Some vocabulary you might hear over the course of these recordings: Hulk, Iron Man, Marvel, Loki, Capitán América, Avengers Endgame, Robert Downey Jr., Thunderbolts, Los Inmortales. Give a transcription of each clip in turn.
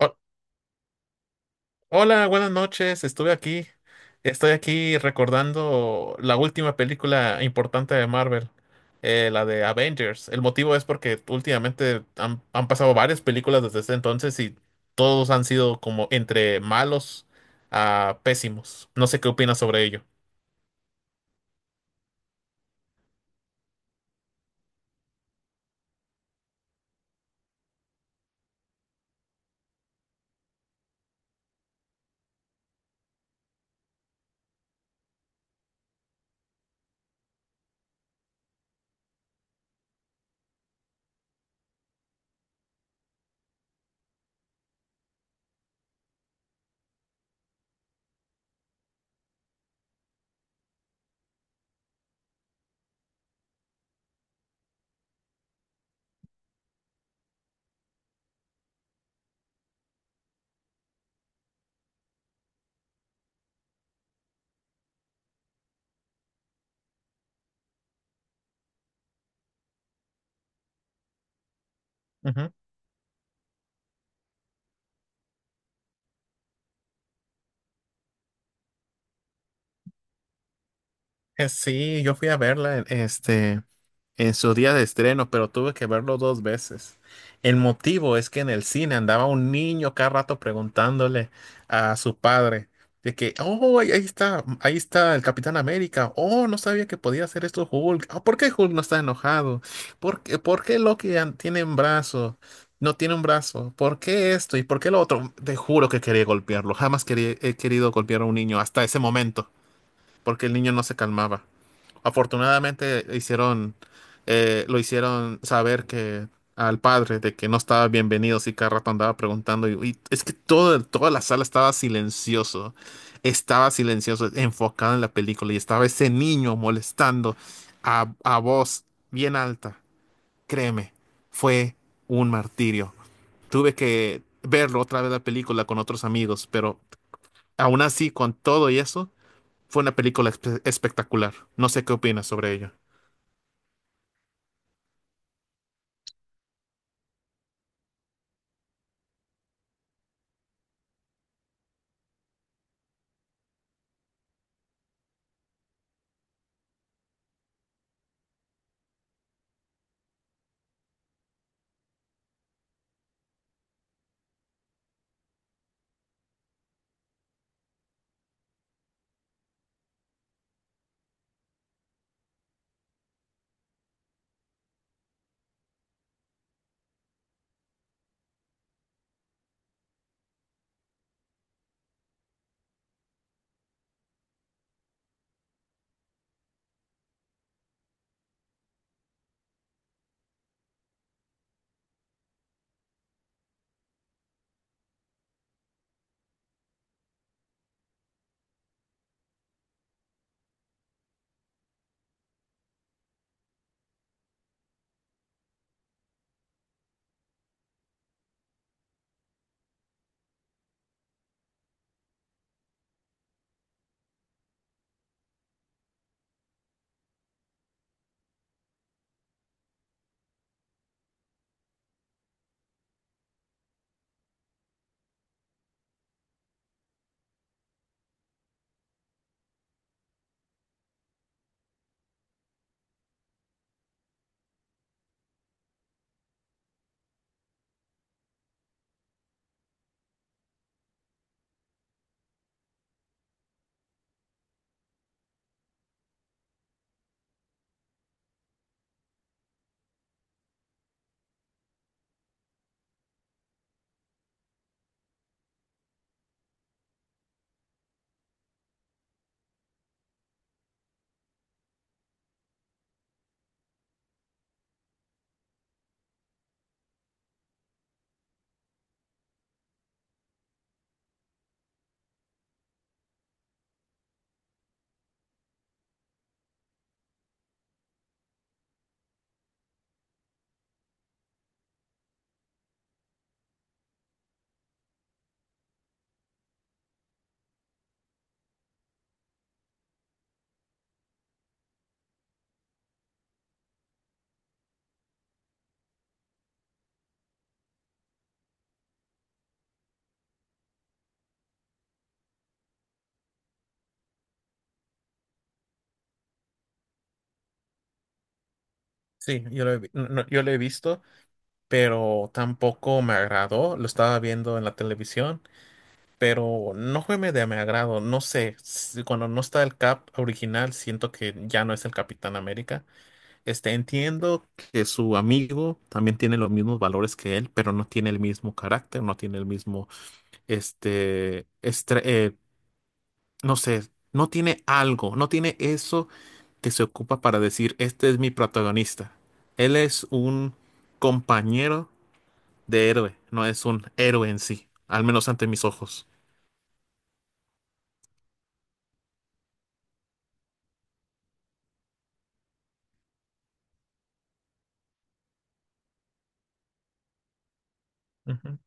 Ho- Hola, buenas noches. Estuve aquí. Estoy aquí recordando la última película importante de Marvel, la de Avengers. El motivo es porque últimamente han pasado varias películas desde ese entonces y todos han sido como entre malos a pésimos. No sé qué opinas sobre ello. Sí, yo fui a verla en su día de estreno, pero tuve que verlo dos veces. El motivo es que en el cine andaba un niño cada rato preguntándole a su padre de que, oh, ahí está, ahí está el Capitán América. Oh, no sabía que podía hacer esto Hulk. Ah, ¿por qué Hulk no está enojado? ¿Por qué Loki tiene un brazo? No tiene un brazo. ¿Por qué esto? ¿Y por qué lo otro? Te juro que quería golpearlo. Jamás quería- He querido golpear a un niño hasta ese momento, porque el niño no se calmaba. Afortunadamente hicieron, lo hicieron saber que al padre de que no estaba bienvenido, si cada rato andaba preguntando. Y es que toda la sala estaba silencioso, enfocado en la película y estaba ese niño molestando a voz bien alta. Créeme, fue un martirio. Tuve que verlo otra vez la película con otros amigos, pero aún así, con todo y eso, fue una película espectacular. No sé qué opinas sobre ello. Sí, yo lo he visto, pero tampoco me agradó. Lo estaba viendo en la televisión, pero no fue de mi agrado. No sé, cuando no está el Cap original, siento que ya no es el Capitán América. Este, entiendo que su amigo también tiene los mismos valores que él, pero no tiene el mismo carácter, no tiene el mismo, este, estre- eh, no sé, no tiene algo, no tiene eso que se ocupa para decir, este es mi protagonista. Él es un compañero de héroe, no es un héroe en sí, al menos ante mis ojos. Ujú.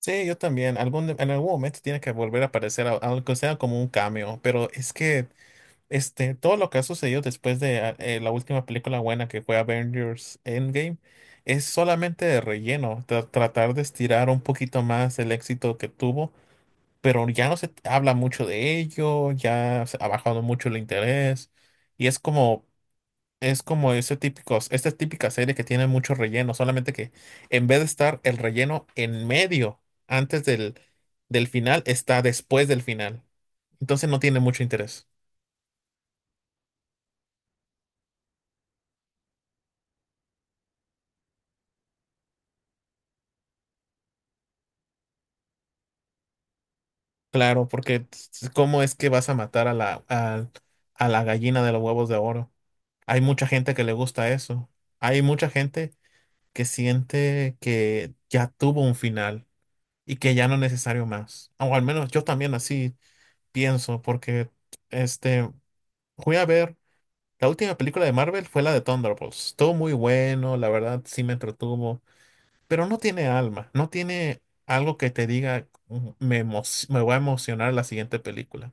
Sí, yo también. En algún momento tiene que volver a aparecer, aunque sea como un cameo. Pero es que este, todo lo que ha sucedido después de la última película buena que fue Avengers Endgame es solamente de relleno. Tratar de estirar un poquito más el éxito que tuvo. Pero ya no se habla mucho de ello, ya se ha bajado mucho el interés y es como ese típicos, esta típica serie que tiene mucho relleno, solamente que en vez de estar el relleno en medio, antes del final, está después del final. Entonces no tiene mucho interés. Claro, porque ¿cómo es que vas a matar a a la gallina de los huevos de oro? Hay mucha gente que le gusta eso. Hay mucha gente que siente que ya tuvo un final y que ya no es necesario más. O al menos yo también así pienso, porque este, fui a ver, la última película de Marvel fue la de Thunderbolts. Estuvo muy bueno, la verdad sí me entretuvo, pero no tiene alma, no tiene algo que te diga, "Mm, me voy a emocionar la siguiente película.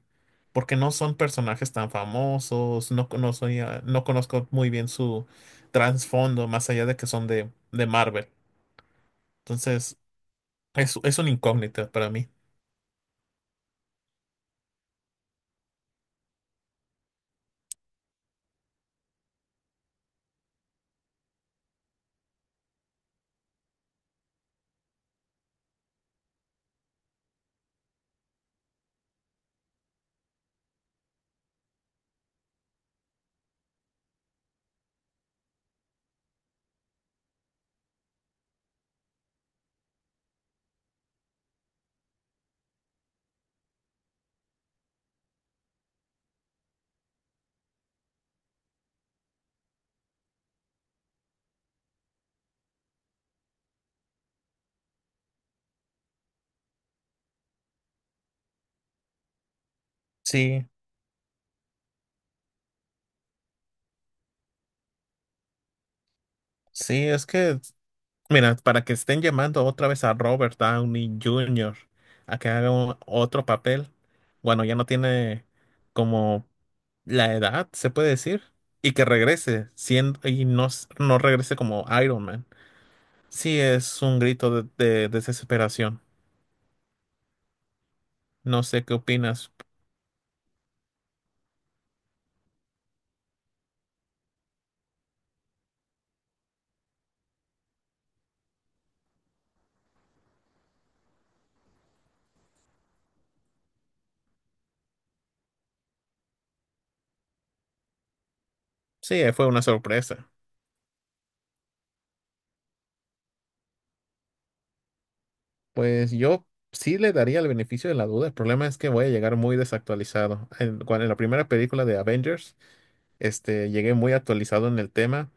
Porque no son personajes tan famosos, no, conozco no conozco muy bien su trasfondo, más allá de que son de Marvel. Entonces, es una incógnita para mí. Sí. Sí, es que, mira, para que estén llamando otra vez a Robert Downey Jr. a que haga otro papel, bueno, ya no tiene como la edad, se puede decir, y que regrese siendo, y no, no regrese como Iron Man. Sí, es un grito de desesperación. No sé qué opinas. Sí, fue una sorpresa. Pues yo sí le daría el beneficio de la duda. El problema es que voy a llegar muy desactualizado. En, en la primera película de Avengers. Este, llegué muy actualizado en el tema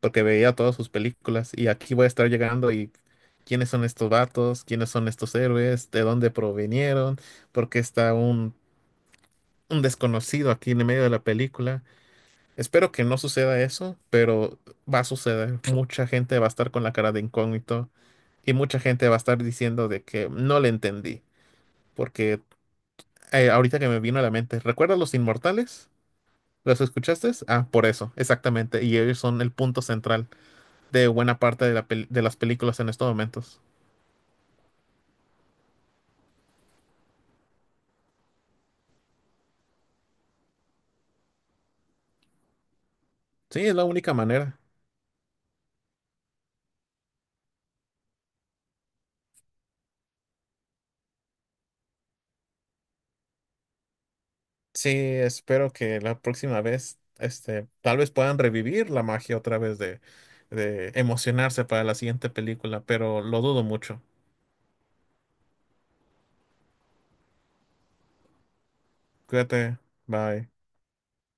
porque veía todas sus películas y aquí voy a estar llegando y quiénes son estos vatos, quiénes son estos héroes, de dónde provinieron, porque está un desconocido aquí en el medio de la película. Espero que no suceda eso, pero va a suceder. Mucha gente va a estar con la cara de incógnito y mucha gente va a estar diciendo de que no le entendí, porque ahorita que me vino a la mente, ¿recuerdas Los Inmortales? ¿Los escuchaste? Ah, por eso, exactamente. Y ellos son el punto central de buena parte de las películas en estos momentos. Sí, es la única manera. Sí, espero que la próxima vez, este, tal vez puedan revivir la magia otra vez de emocionarse para la siguiente película, pero lo dudo mucho. Cuídate, bye.